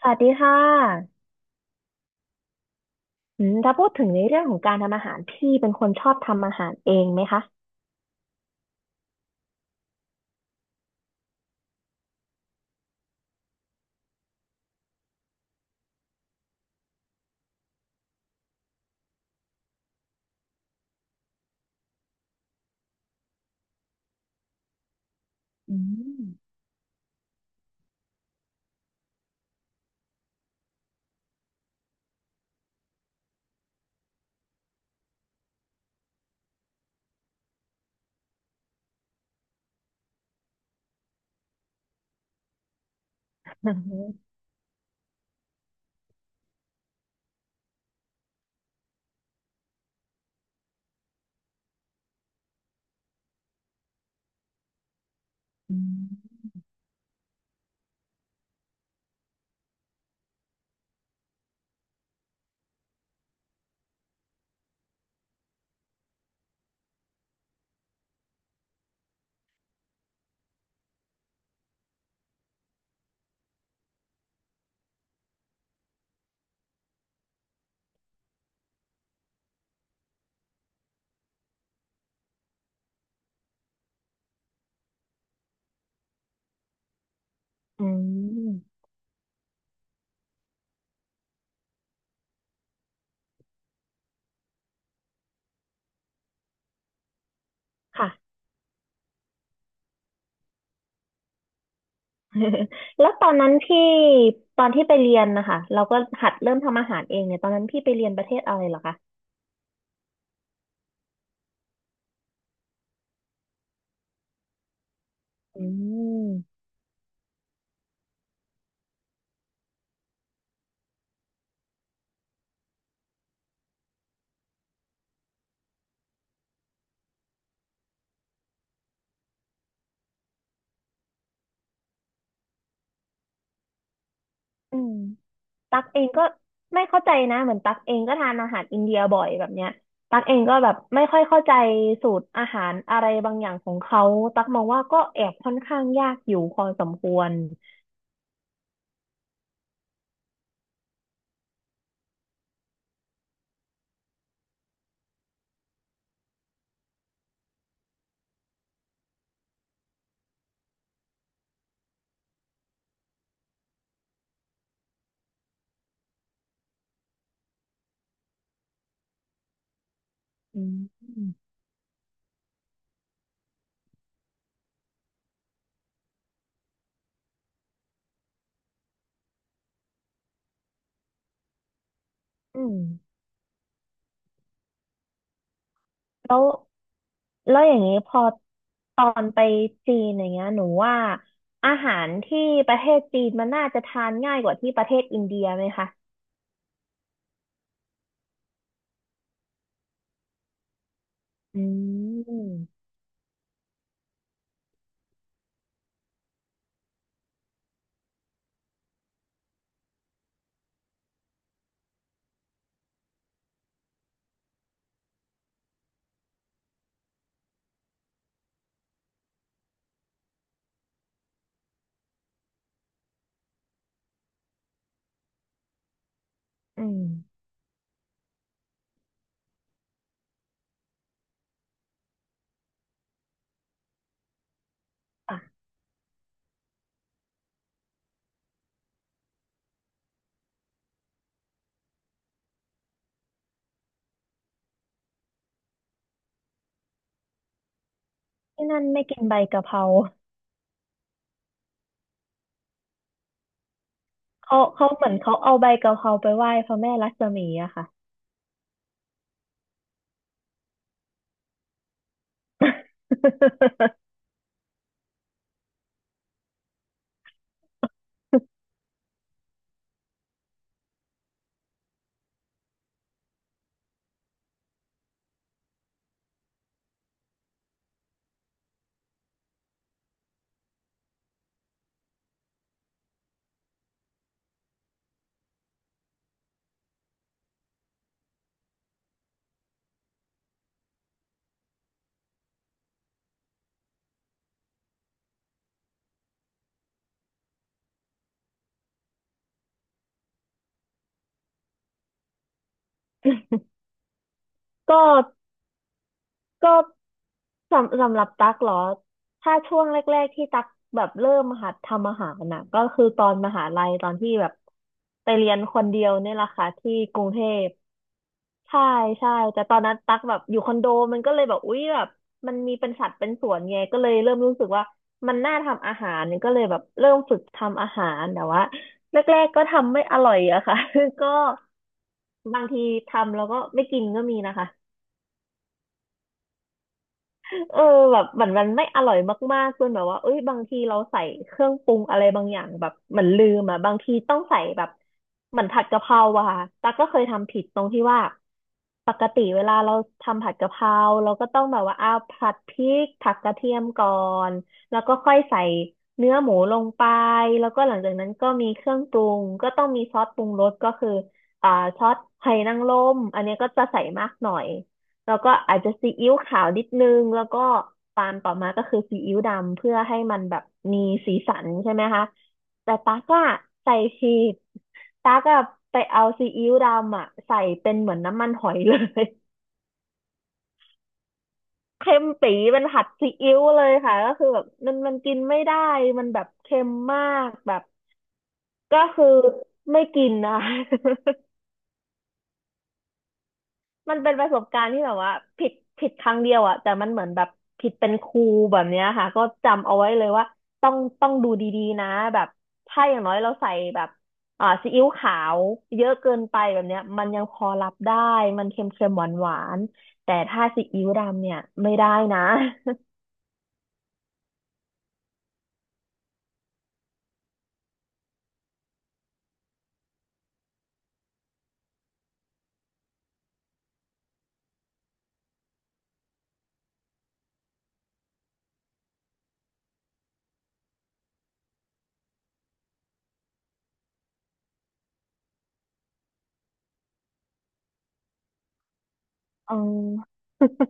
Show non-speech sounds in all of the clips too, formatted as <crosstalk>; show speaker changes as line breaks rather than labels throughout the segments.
สวัสดีค่ะถ้าพูดถึงในเรื่องของการทำอาหารพี่เป็นคนชอบทำอาหารเองไหมคะอืมอืมอืมอืมค่ะ <laughs> แล้วตอนนั้นตอนที่ไปเรียนนะคะเราก็หัดเริ่มทำอาหารเองเนี่ยตอนนั้นพี่ไปเรียนประเทศอะไรเหรอคะอืมอืม ตักเองก็ไม่เข้าใจนะเหมือนตักเองก็ทานอาหารอินเดียบ่อยแบบเนี้ยตักเองก็แบบไม่ค่อยเข้าใจสูตรอาหารอะไรบางอย่างของเขาตักมองว่าก็แอบค่อนข้างยากอยู่พอสมควรอืมอืมแล้วแล้วอย่างนี้พอตอนไปจีนอย่างเงี้ยหนูว่าอาหารที่ประเทศจีนมันน่าจะทานง่ายกว่าที่ประเทศอินเดียไหมคะอืมอืมอ่ะที่นั่นไม่กินใบกะเพรา เขาเหมือนเขาเอาใบกะเพราไปไหว้พระแม่ลักษมีอะค่ะ <laughs> ก็ก็สำหรับตั๊กเหรอ ถ้าช่วงแรกๆที่ตั๊กแบบเริ่มหัดทำอาหารน่ะก็คือตอนมหาลัยตอนที่แบบไปเรียนคนเดียวเนี่ยแหละค่ะที่กรุงเทพ ใช่ใช่แต่ตอนนั้นตั๊กแบบอยู่คอนโดมันก็เลยแบบอุ๊ยแบบมันมีเป็นสัดเป็นส่วนไงก็เลยเริ่มรู้สึกว่ามันน่าทำอาหารก็เลยแบบเริ่มฝึกทำอาหารแต่ว่าแรกๆก็ทำไม่อร่อยอะค่ะ <laughs> ก็ บางทีทำแล้วก็ไม่กินก็มีนะคะเออแบบเหมือนมันไม่อร่อยมากๆจนแบบว่าเอ้ยบางทีเราใส่เครื่องปรุงอะไรบางอย่างแบบเหมือนลืมอ่ะบางทีต้องใส่แบบเหมือนผัดกะเพราอะค่ะตั๊กก็เคยทำผิดตรงที่ว่าปกติเวลาเราทำผัดกะเพราเราก็ต้องแบบว่าอ้าวผัดพริกผัดกระเทียมก่อนแล้วก็ค่อยใส่เนื้อหมูลงไปแล้วก็หลังจากนั้นก็มีเครื่องปรุงก็ต้องมีซอสปรุงรสก็คืออ่าซอสไหหนางรมอันเนี้ยก็จะใส่มากหน่อย แล้วก็อาจจะซีอิ๊วขาวนิดนึงแล้วก็ตามต่อมาก็คือซีอิ๊วดำเพื่อให้มันแบบมีสีสันใช่ไหมคะ แต่ตากอะใส่ผิดตากอะไปเอาซีอิ๊วดำอะใส่เป็นเหมือนน้ำมันหอยเลย <laughs> เค็มปี๋เป็นผัดซีอิ๊วเลยค่ะก็คือแบบมันกินไม่ได้ มันแบบเค็มมากแบบก็คือไม่กินนะะ <laughs> มันเป็นประสบการณ์ที่แบบว่าผิดผิดครั้งเดียวอะแต่มันเหมือนแบบผิดเป็นครูแบบเนี้ยค่ะก็จำเอาไว้เลยว่าต้องดูดีๆนะแบบถ้าอย่างน้อยเราใส่แบบอ่าซีอิ๊วขาวเยอะเกินไปแบบเนี้ยมันยังพอรับได้มันเค็มๆหวานๆแต่ถ้าซีอิ๊วดำเนี่ยไม่ได้นะ <laughs> เออ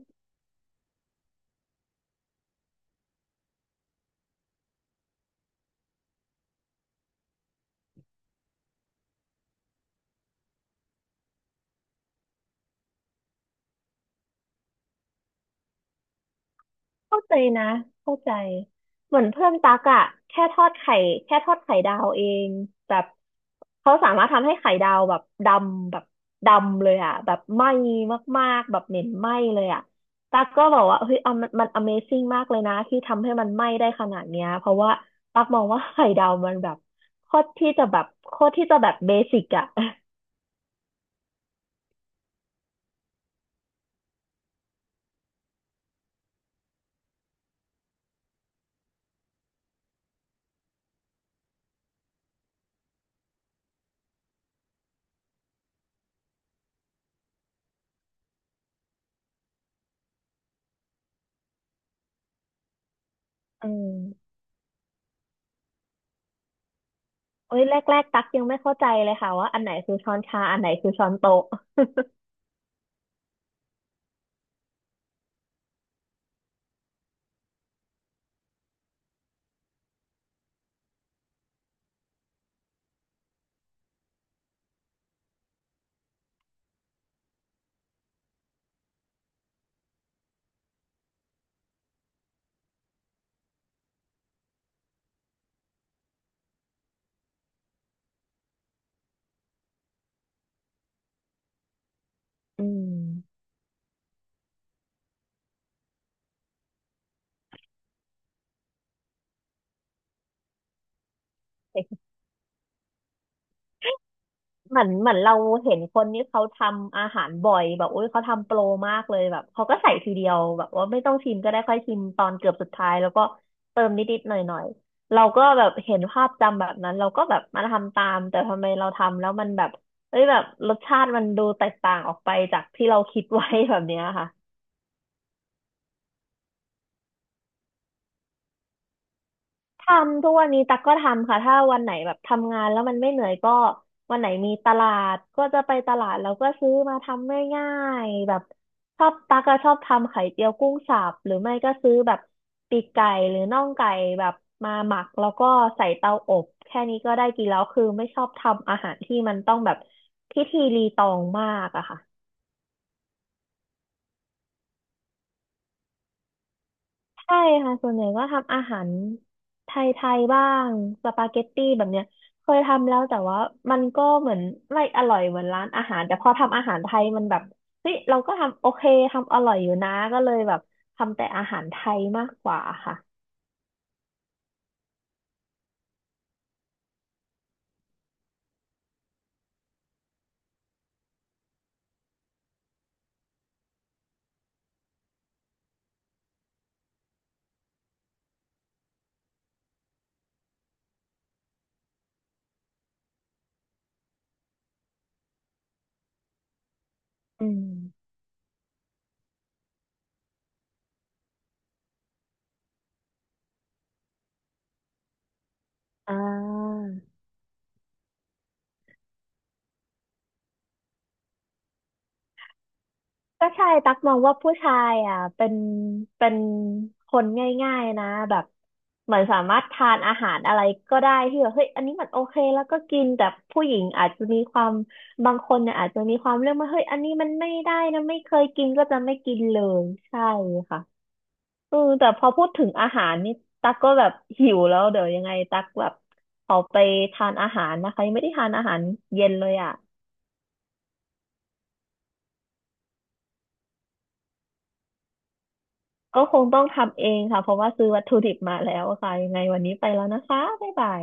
เข้าใจนะเข้าใจเหมือนเพื่อนตักอะแค่ทอดไข่แค่ทอดไข่ดาวเองแบบเขาสามารถทำให้ไข่ดาวแบบดำเลยอะแบบไหม้มากๆแบบเหม็นไหม้เลยอะตักก็บอกว่าเฮ้ยเอามัน Amazing มากเลยนะที่ทำให้มันไหม้ได้ขนาดเนี้ยเพราะว่าตักมองว่าไข่ดาวมันแบบโคตรที่จะแบบเบสิกอะอืมโอ้ยแรกๆตักยังไม่เข้าใจเลยค่ะว่าอันไหนคือช้อนชาอันไหนคือช้อนโต๊ะอืม เหมือนเราเห็นคนนี้เขาทำอาหารบ่อยแบบอุ้ยเขาทำโปรมากเลยแบบเขาก็ใส่ทีเดียวแบบว่าไม่ต้องชิมก็ได้ค่อยชิมตอนเกือบสุดท้ายแล้วก็เติมนิดๆหน่อยๆเราก็แบบเห็นภาพจำแบบนั้นเราก็แบบมาทำตามแต่ทำไมเราทำแล้วมันแบบเอ้ยแบบรสชาติมันดูแตกต่างออกไปจากที่เราคิดไว้ <laughs> แบบเนี้ยค่ะ ทำทุกวันนี้ตักก็ทำค่ะถ้าวันไหนแบบทำงานแล้วมันไม่เหนื่อยก็วันไหนมีตลาดก็จะไปตลาดแล้วก็ซื้อมาทำง่ายๆแบบชอบตักก็ชอบทำไข่เจียวกุ้งสับหรือไม่ก็ซื้อแบบปีกไก่หรือน่องไก่แบบมาหมักแล้วก็ใส่เตาอบแค่นี้ก็ได้กินแล้วคือไม่ชอบทำอาหารที่มันต้องแบบพิธีรีตองมากอะค่ะ ใช่ค่ะส่วนใหญ่ก็ทำอาหารไทยๆบ้าง สปาเกตตี้แบบเนี้ยเคยทำแล้วแต่ว่ามันก็เหมือนไม่อร่อยเหมือนร้านอาหารแต่พอทำอาหารไทยมันแบบเฮ้ยเราก็ทำโอเคทำอร่อยอยู่นะก็เลยแบบทำแต่อาหารไทยมากกว่าค่ะ อืมอ่า ก็ใช่ตักมองว่าผู้ชายอ่ะเป็นคนง่ายๆนะแบบเหมือนสามารถทานอาหารอะไรก็ได้ที่แบบเฮ้ยอันนี้มันโอเคแล้วก็กินแต่ผู้หญิงอาจจะมีความบางคนเนี่ยอาจจะมีความเรื่องว่าเฮ้ยอันนี้มันไม่ได้นะไม่เคยกินก็จะไม่กินเลยใช่ค่ะเออแต่พอพูดถึงอาหารนี่ตักก็แบบหิวแล้วเดี๋ยวยังไงตักแบบขอไปทานอาหารนะคะยังไม่ได้ทานอาหารเย็นเลยอ่ะ ก็คงต้องทำเองค่ะ เพราะว่าซื้อวัตถุดิบมาแล้วค่ะยังไงวันนี้ไปแล้วนะคะ บ๊ายบาย